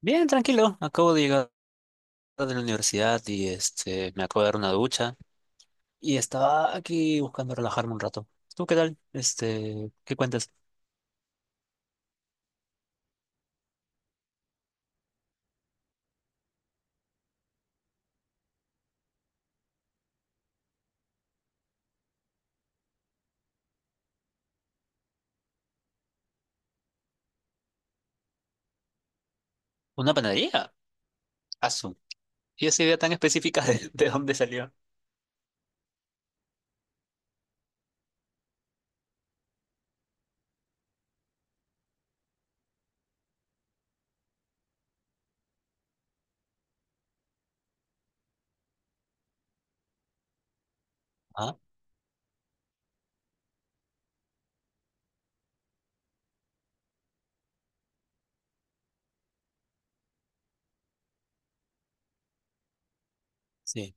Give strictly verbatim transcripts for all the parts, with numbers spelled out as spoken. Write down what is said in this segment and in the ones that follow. Bien, tranquilo. Acabo de llegar de la universidad y este me acabo de dar una ducha y estaba aquí buscando relajarme un rato. ¿Tú qué tal? Este, ¿qué cuentas? ¿Una panadería? Azul. ¿Y esa idea tan específica de, de dónde salió? Ah, sí.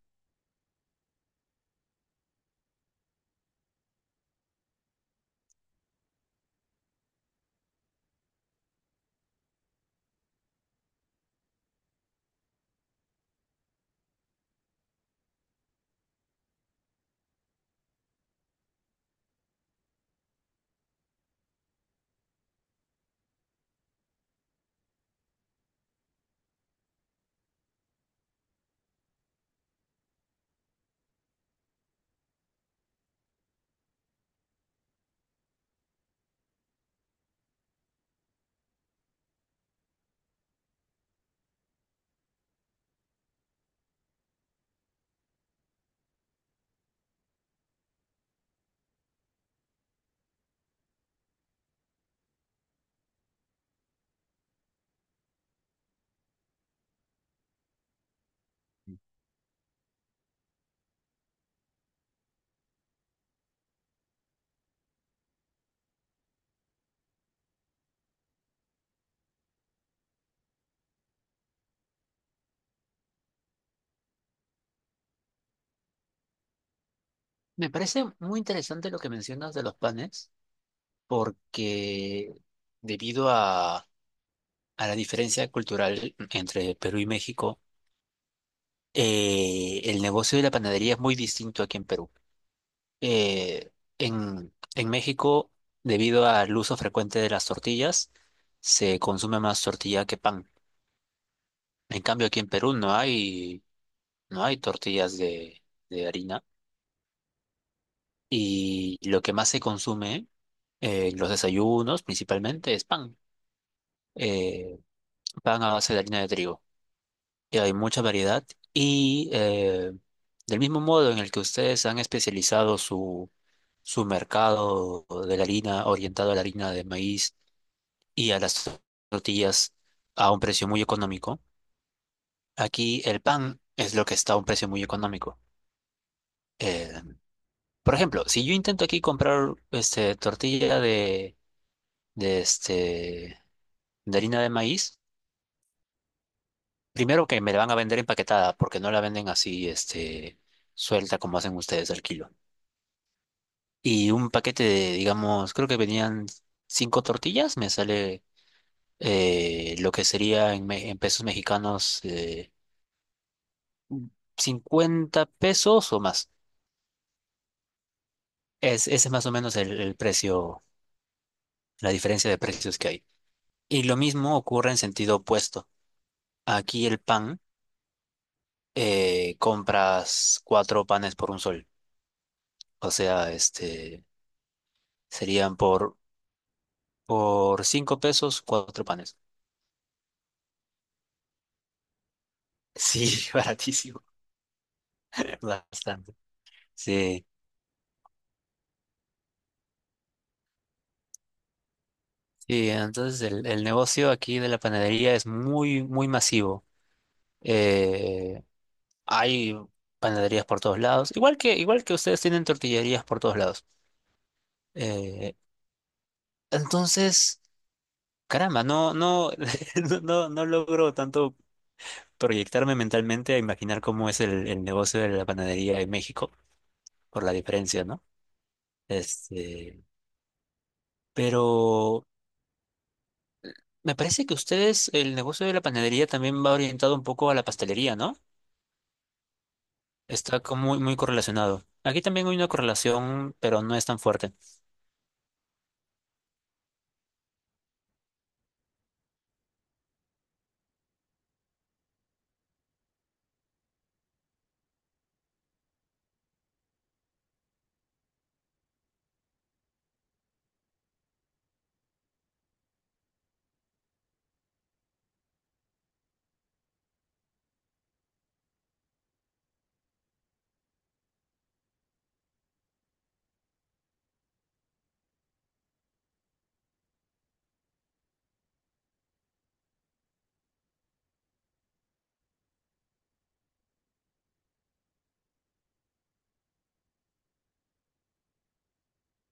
Me parece muy interesante lo que mencionas de los panes porque debido a, a la diferencia cultural entre Perú y México, eh, el negocio de la panadería es muy distinto aquí en Perú. eh, en, en México, debido al uso frecuente de las tortillas, se consume más tortilla que pan. En cambio, aquí en Perú no hay, no hay tortillas de, de harina, y lo que más se consume eh, en los desayunos principalmente es pan, eh, pan a base de harina de trigo. Y hay mucha variedad y eh, del mismo modo en el que ustedes han especializado su, su mercado de la harina, orientado a la harina de maíz y a las tortillas a un precio muy económico. Aquí el pan es lo que está a un precio muy económico. Eh, por ejemplo, si yo intento aquí comprar este, tortilla de, de, este, de harina de maíz, primero que me la van a vender empaquetada, porque no la venden así este, suelta como hacen ustedes al kilo. Y un paquete de, digamos, creo que venían cinco tortillas, me sale eh, lo que sería en, me- en pesos mexicanos, eh, cincuenta pesos o más. Es, ese es más o menos el, el precio, la diferencia de precios que hay. Y lo mismo ocurre en sentido opuesto. Aquí el pan, eh, compras cuatro panes por un sol. O sea, este, serían por, por cinco pesos, cuatro panes. Sí, baratísimo, bastante. Sí, sí, entonces el, el negocio aquí de la panadería es muy, muy masivo. Eh, hay panaderías por todos lados, igual que, igual que ustedes tienen tortillerías por todos lados. Eh, Entonces, caramba, no, no, no, no, no logro tanto proyectarme mentalmente a imaginar cómo es el, el negocio de la panadería en México, por la diferencia, ¿no? Este, pero me parece que ustedes, el negocio de la panadería, también va orientado un poco a la pastelería, ¿no? Está como muy, muy correlacionado. Aquí también hay una correlación, pero no es tan fuerte.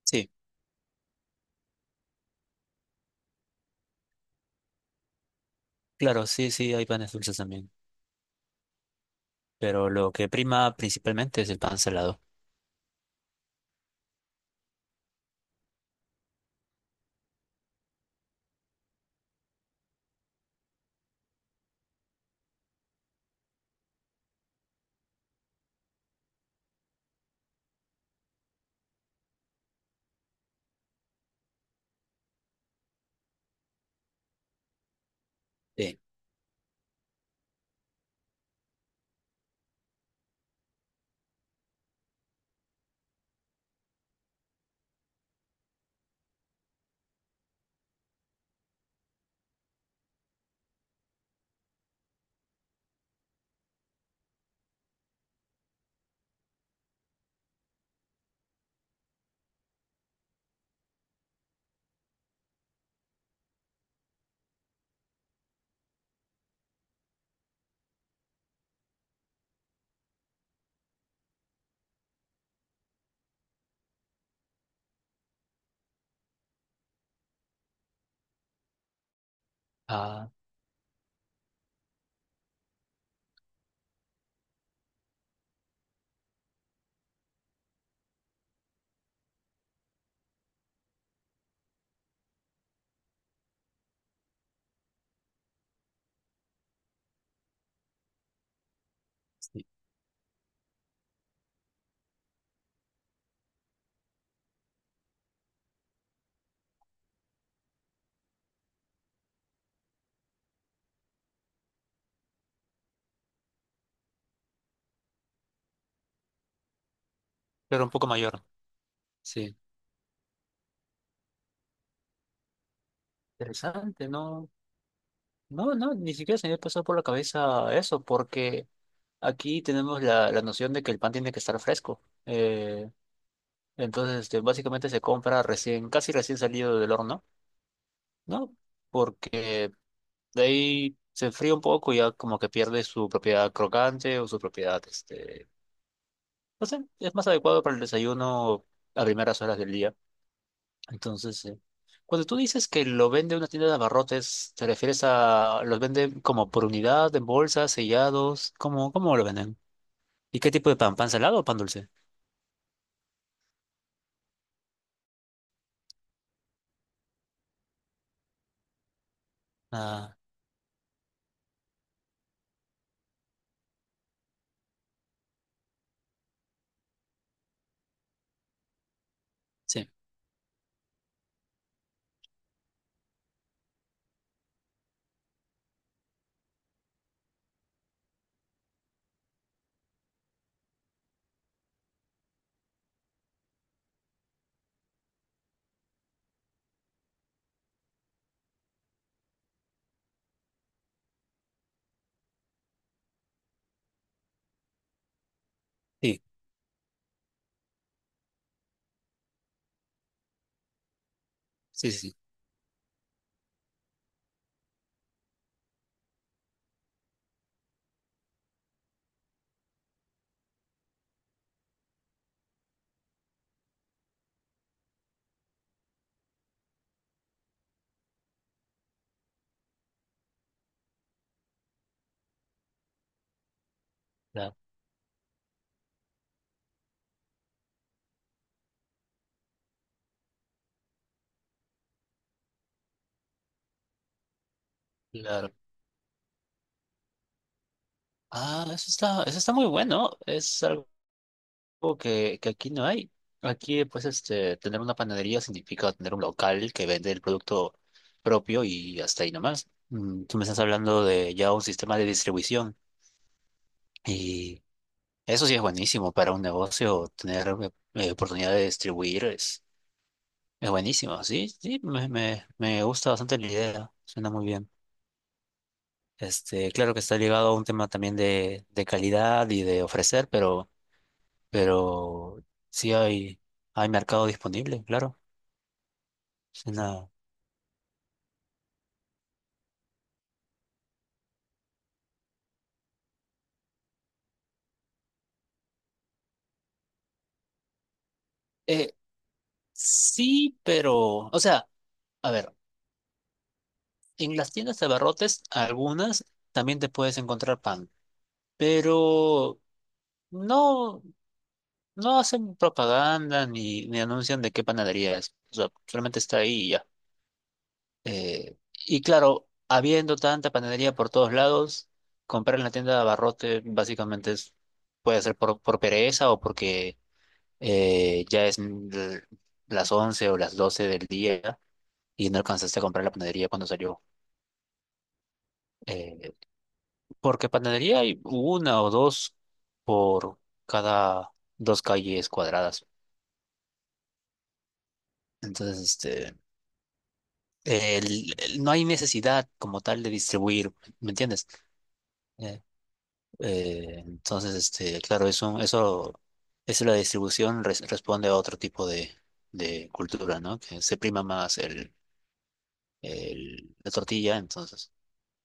Sí, claro, sí, sí, hay panes dulces también, pero lo que prima principalmente es el pan salado. Sí. Ah, sí. Claro, un poco mayor. Sí. Interesante, no, no, no, ni siquiera se me había pasado por la cabeza eso, porque aquí tenemos la, la noción de que el pan tiene que estar fresco. Eh, entonces, este, básicamente se compra recién, casi recién salido del horno, ¿no? Porque de ahí se enfría un poco y ya como que pierde su propiedad crocante o su propiedad, este, no sé, es más adecuado para el desayuno, a primeras horas del día. Entonces, eh, cuando tú dices que lo vende una tienda de abarrotes, ¿te refieres a los venden como por unidad, en bolsas, sellados? ¿Cómo, cómo lo venden? ¿Y qué tipo de pan? ¿Pan salado o pan dulce? Ah, sí, sí, sí, sí, sí, claro, claro. Ah, eso está, eso está muy bueno. Es algo que, que aquí no hay. Aquí, pues, este, tener una panadería significa tener un local que vende el producto propio, y hasta ahí nomás. Mm, tú me estás hablando de ya un sistema de distribución. Y eso sí es buenísimo para un negocio, tener eh, oportunidad de distribuir es, es buenísimo. Sí, sí, me, me, me gusta bastante la idea, suena muy bien. Este, claro que está ligado a un tema también de, de calidad y de ofrecer, pero, pero sí hay, hay mercado disponible, claro. Suena- eh, sí, pero, o sea, a ver, en las tiendas de abarrotes, algunas también te puedes encontrar pan, pero no. No hacen propaganda, ni, ni anuncian de qué panadería es. O sea, solamente está ahí y ya. Eh, y claro, habiendo tanta panadería por todos lados, comprar en la tienda de abarrote básicamente es, puede ser por, por pereza, o porque eh, ya es l- las once o las doce del día y no alcanzaste a comprar la panadería cuando salió. Eh, porque panadería hay una o dos por cada dos calles cuadradas. Entonces, este... el- el- no hay necesidad como tal de distribuir, ¿me entiendes? Eh, eh, entonces, este, claro, eso, eso, eso, la distribución res- responde a otro tipo de, de cultura, ¿no? Que se prima más el, el- la tortilla. Entonces,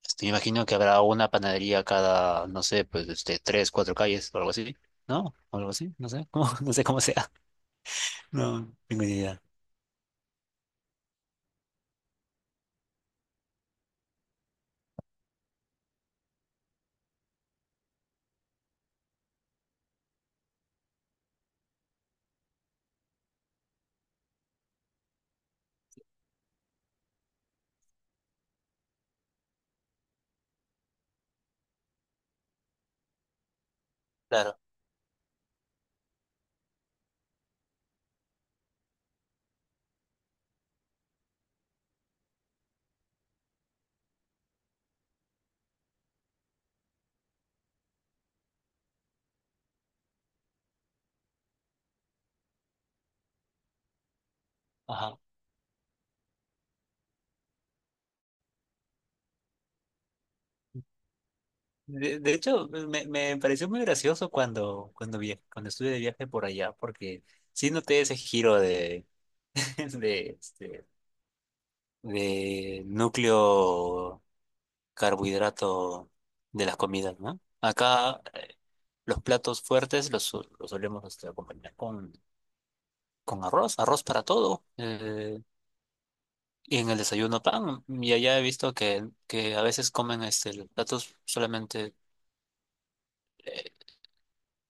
este, me imagino que habrá una panadería cada, no sé, pues, este, tres, cuatro calles o algo así, ¿no? O algo así, no sé, cómo- no sé cómo sea. No, tengo ni idea. Claro. Ajá. De, de hecho, me, me pareció muy gracioso cuando, cuando, via- cuando estuve de viaje por allá, porque sí noté ese giro de, de, este, de núcleo carbohidrato de las comidas, ¿no? Acá eh, los platos fuertes los, su- los solemos, este, acompañar con, con arroz, arroz para todo, eh, y en el desayuno pan, y allá he visto que, que a veces comen este, los platos solamente. eh,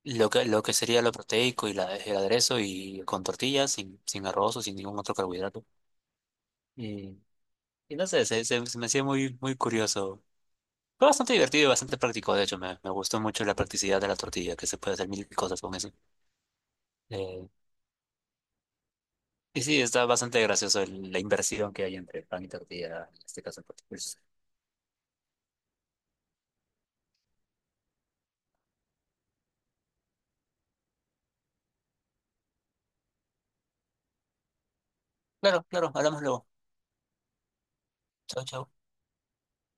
Lo que, lo que sería lo proteico y la, el aderezo y con tortillas, sin, sin arroz o sin ningún otro carbohidrato. Y, y no sé, se, se- se me hacía muy, muy curioso. Fue bastante divertido y bastante práctico, de hecho, me, me gustó mucho la practicidad de la tortilla, que se puede hacer mil cosas con eso. Eh, y sí, está bastante gracioso el- la inversión que hay entre pan y tortilla, en este caso en particular. Claro, claro, hablamos luego. Chao, chao.